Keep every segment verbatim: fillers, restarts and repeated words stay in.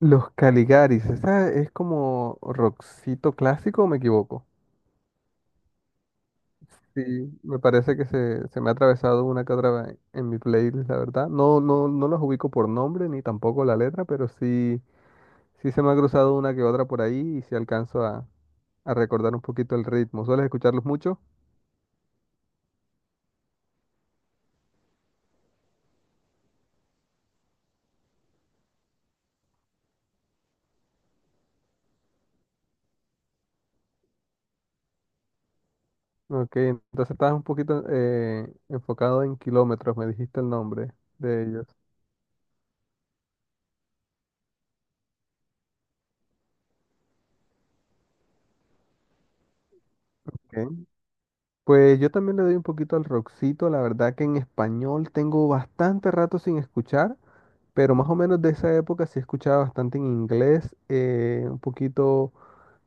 Los Caligaris, ¿esa es como rockcito clásico o me equivoco? Sí, me parece que se, se me ha atravesado una que otra vez en mi playlist, la verdad. No, no, no los ubico por nombre ni tampoco la letra, pero sí, sí se me ha cruzado una que otra por ahí y sí alcanzo a, a recordar un poquito el ritmo. ¿Sueles escucharlos mucho? Ok, entonces estabas un poquito eh, enfocado en kilómetros, me dijiste el nombre de ellos. Pues yo también le doy un poquito al rockcito, la verdad que en español tengo bastante rato sin escuchar, pero más o menos de esa época sí escuchaba bastante en inglés, eh, un poquito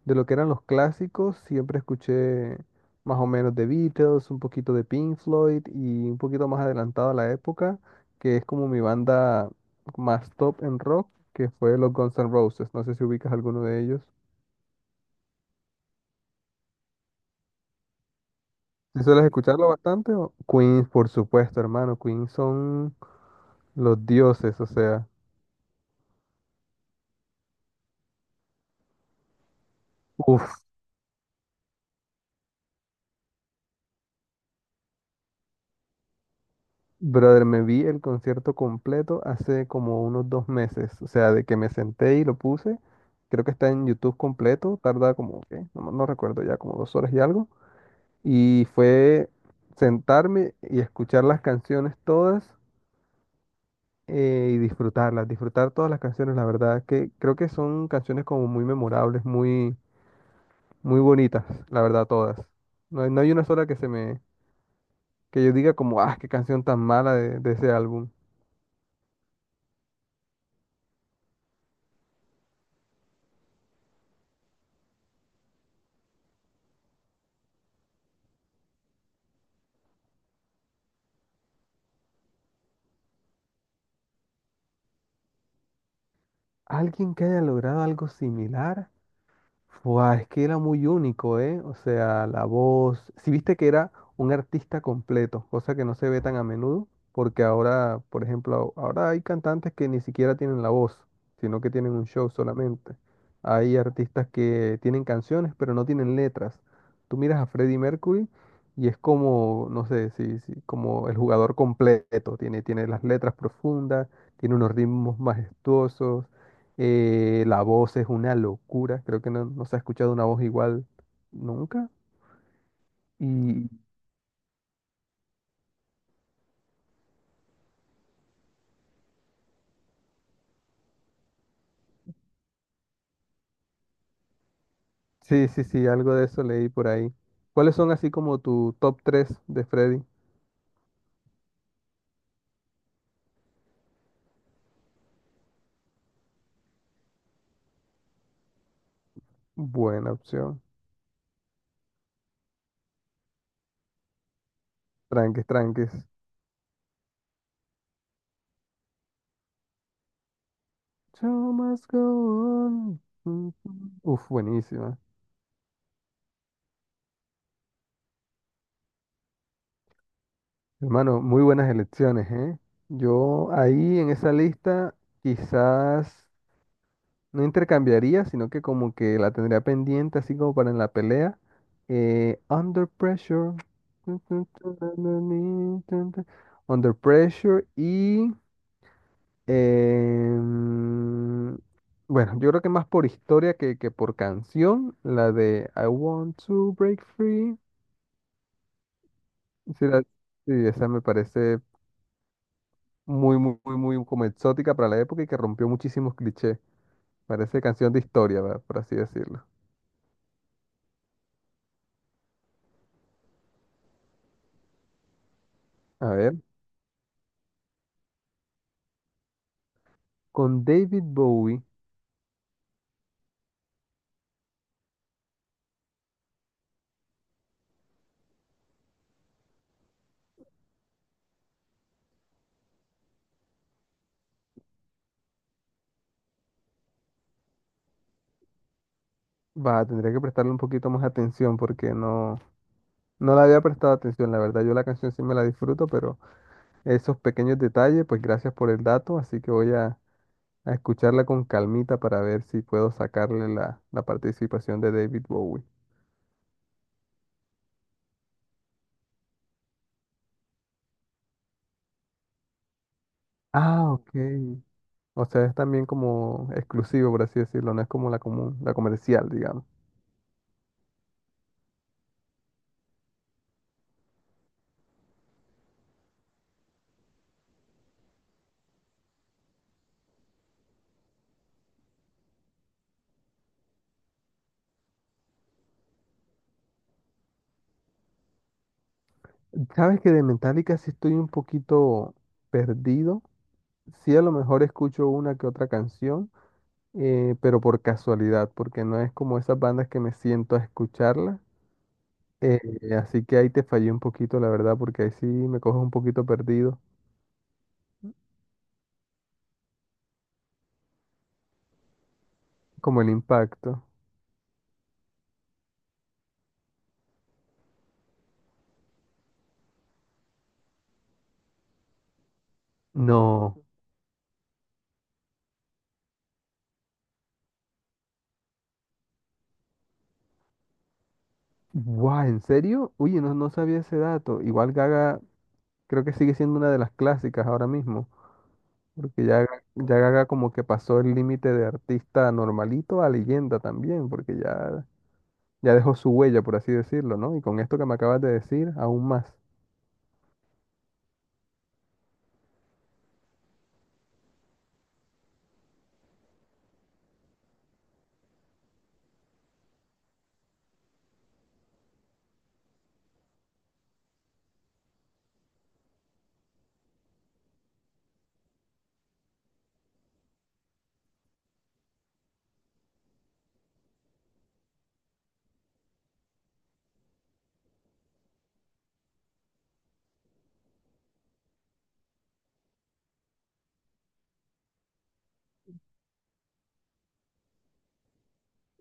de lo que eran los clásicos, siempre escuché más o menos de Beatles, un poquito de Pink Floyd y un poquito más adelantado a la época, que es como mi banda más top en rock, que fue los Guns N' Roses, no sé si ubicas alguno de ellos. Si sueles escucharlo bastante, o- Queens, por supuesto, hermano, Queens son... los dioses, o sea, uff, brother, me vi el concierto completo hace como unos dos meses, o sea, de que me senté y lo puse, creo que está en YouTube completo, tarda como, ¿qué? No, no recuerdo ya, como dos horas y algo, y fue sentarme y escuchar las canciones todas eh, y disfrutarlas, disfrutar todas las canciones, la verdad, que creo que son canciones como muy memorables, muy, muy bonitas, la verdad, todas. No hay, no hay una sola que se me, que yo diga como, ah, qué canción tan mala de, de ese álbum. Alguien que haya logrado algo similar. Fua, es que era muy único, ¿eh? O sea, la voz. Si viste que era un artista completo, cosa que no se ve tan a menudo, porque ahora, por ejemplo, ahora hay cantantes que ni siquiera tienen la voz, sino que tienen un show solamente. Hay artistas que tienen canciones, pero no tienen letras. Tú miras a Freddie Mercury y es como, no sé, si, si- como el jugador completo. Tiene, tiene las letras profundas, tiene unos ritmos majestuosos. Eh, la voz es una locura, creo que no, no se ha escuchado una voz igual nunca. Y sí, sí, sí, algo de eso leí por ahí. ¿Cuáles son así como tu top tres de Freddy? Buena opción. Tranques, tranques. Show must go on. Mm, mm. Uf, buenísima. Hermano, muy buenas elecciones, ¿eh? Yo ahí en esa lista, quizás no intercambiaría, sino que como que la tendría pendiente, así como para en la pelea. Eh, Under Pressure. Under Pressure y... em, bueno, yo creo que más por historia que, que por canción, la de I Want to Break Free. Sí, la- sí, esa me parece muy, muy, muy, muy como exótica para la época y que rompió muchísimos clichés. Parece canción de historia, va, por así decirlo. A ver. Con David Bowie, va, tendría que prestarle un poquito más atención porque no, no le había prestado atención, la verdad. Yo la canción sí me la disfruto, pero esos pequeños detalles, pues gracias por el dato, así que voy a, a escucharla con calmita para ver si puedo sacarle la, la participación de David Bowie. Ah, ok. O sea, es también como exclusivo, por así decirlo, no es como la común, la comercial, digamos. Sabes que de Metallica sí estoy un poquito perdido. Sí, a lo mejor escucho una que otra canción. Eh, pero por casualidad, porque no es como esas bandas que me siento a escucharlas. eh, Así que ahí te fallé un poquito, la verdad, porque ahí sí me coges un poquito perdido, como el impacto. No. Guau, ¿en serio? Uy, no, no sabía ese dato. Igual Gaga creo que sigue siendo una de las clásicas ahora mismo, porque ya, Ga- ya Gaga como que pasó el límite de artista normalito a leyenda también, porque ya, ya dejó su huella, por así decirlo, ¿no? Y con esto que me acabas de decir, aún más.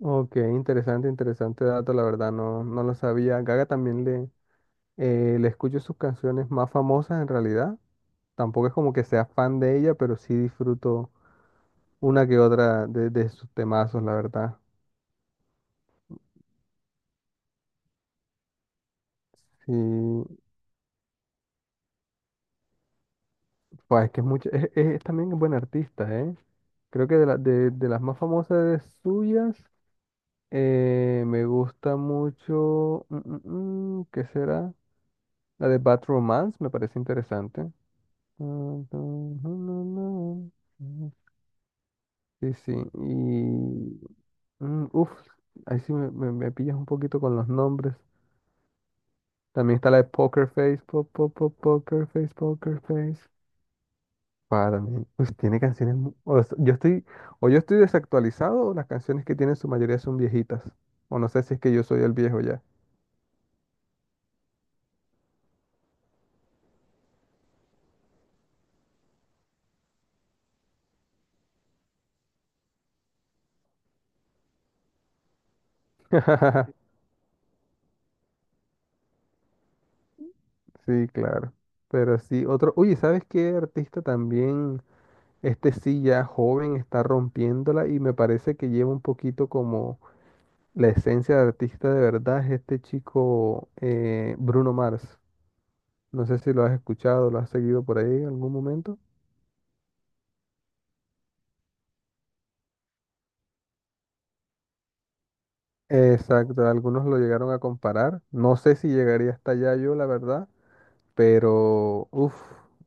Ok, interesante, interesante dato, la verdad, no, no lo sabía. Gaga también le, eh, le escucho sus canciones más famosas en realidad. Tampoco es como que sea fan de ella, pero sí disfruto una que otra de, de sus temazos, la verdad. Sí, pues es que es mucho, es, es- es también buena artista, ¿eh? Creo que de, la- de, de las más famosas de suyas, eh, me gusta mucho, mm, mm, mm, ¿qué será? La de Bad Romance, me parece interesante. Sí, sí. Y. mm, uf, ahí sí me, me- me pillas un poquito con los nombres. También está la de Poker Face. po- po- po- poker Face, Poker Face. Ah, también. Pues tiene canciones. mu- o sea, yo estoy, o yo estoy desactualizado, o las canciones que tienen su mayoría son viejitas. O no sé si es que yo soy el viejo ya. Sí, claro. Pero sí, otro. Oye, ¿sabes qué artista también? Este sí ya joven está rompiéndola y me parece que lleva un poquito como la esencia de artista de verdad es este chico eh, Bruno Mars. No sé si lo has escuchado, lo has seguido por ahí en algún momento. Exacto, algunos lo llegaron a comparar. No sé si llegaría hasta allá yo, la verdad, pero uff,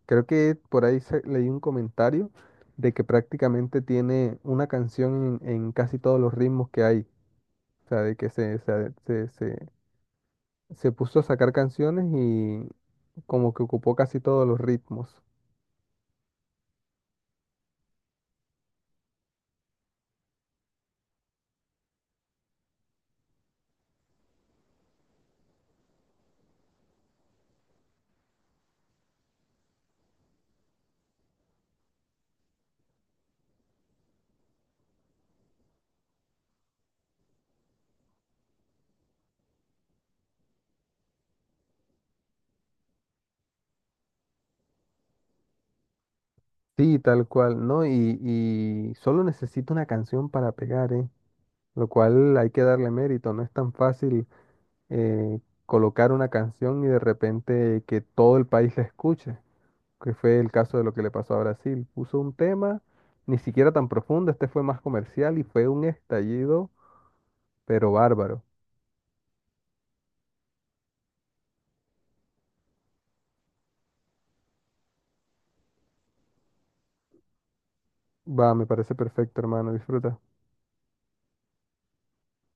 creo que por ahí se- leí un comentario de que prácticamente tiene una canción en, en casi todos los ritmos que hay. O sea, de que se, se, se, se se puso a sacar canciones y como que ocupó casi todos los ritmos. Sí, tal cual, ¿no? Y, y solo necesita una canción para pegar, ¿eh? Lo cual hay que darle mérito, no es tan fácil eh, colocar una canción y de repente que todo el país la escuche, que fue el caso de lo que le pasó a Brasil. Puso un tema, ni siquiera tan profundo, este fue más comercial y fue un estallido, pero bárbaro. Va, me parece perfecto, hermano, disfruta.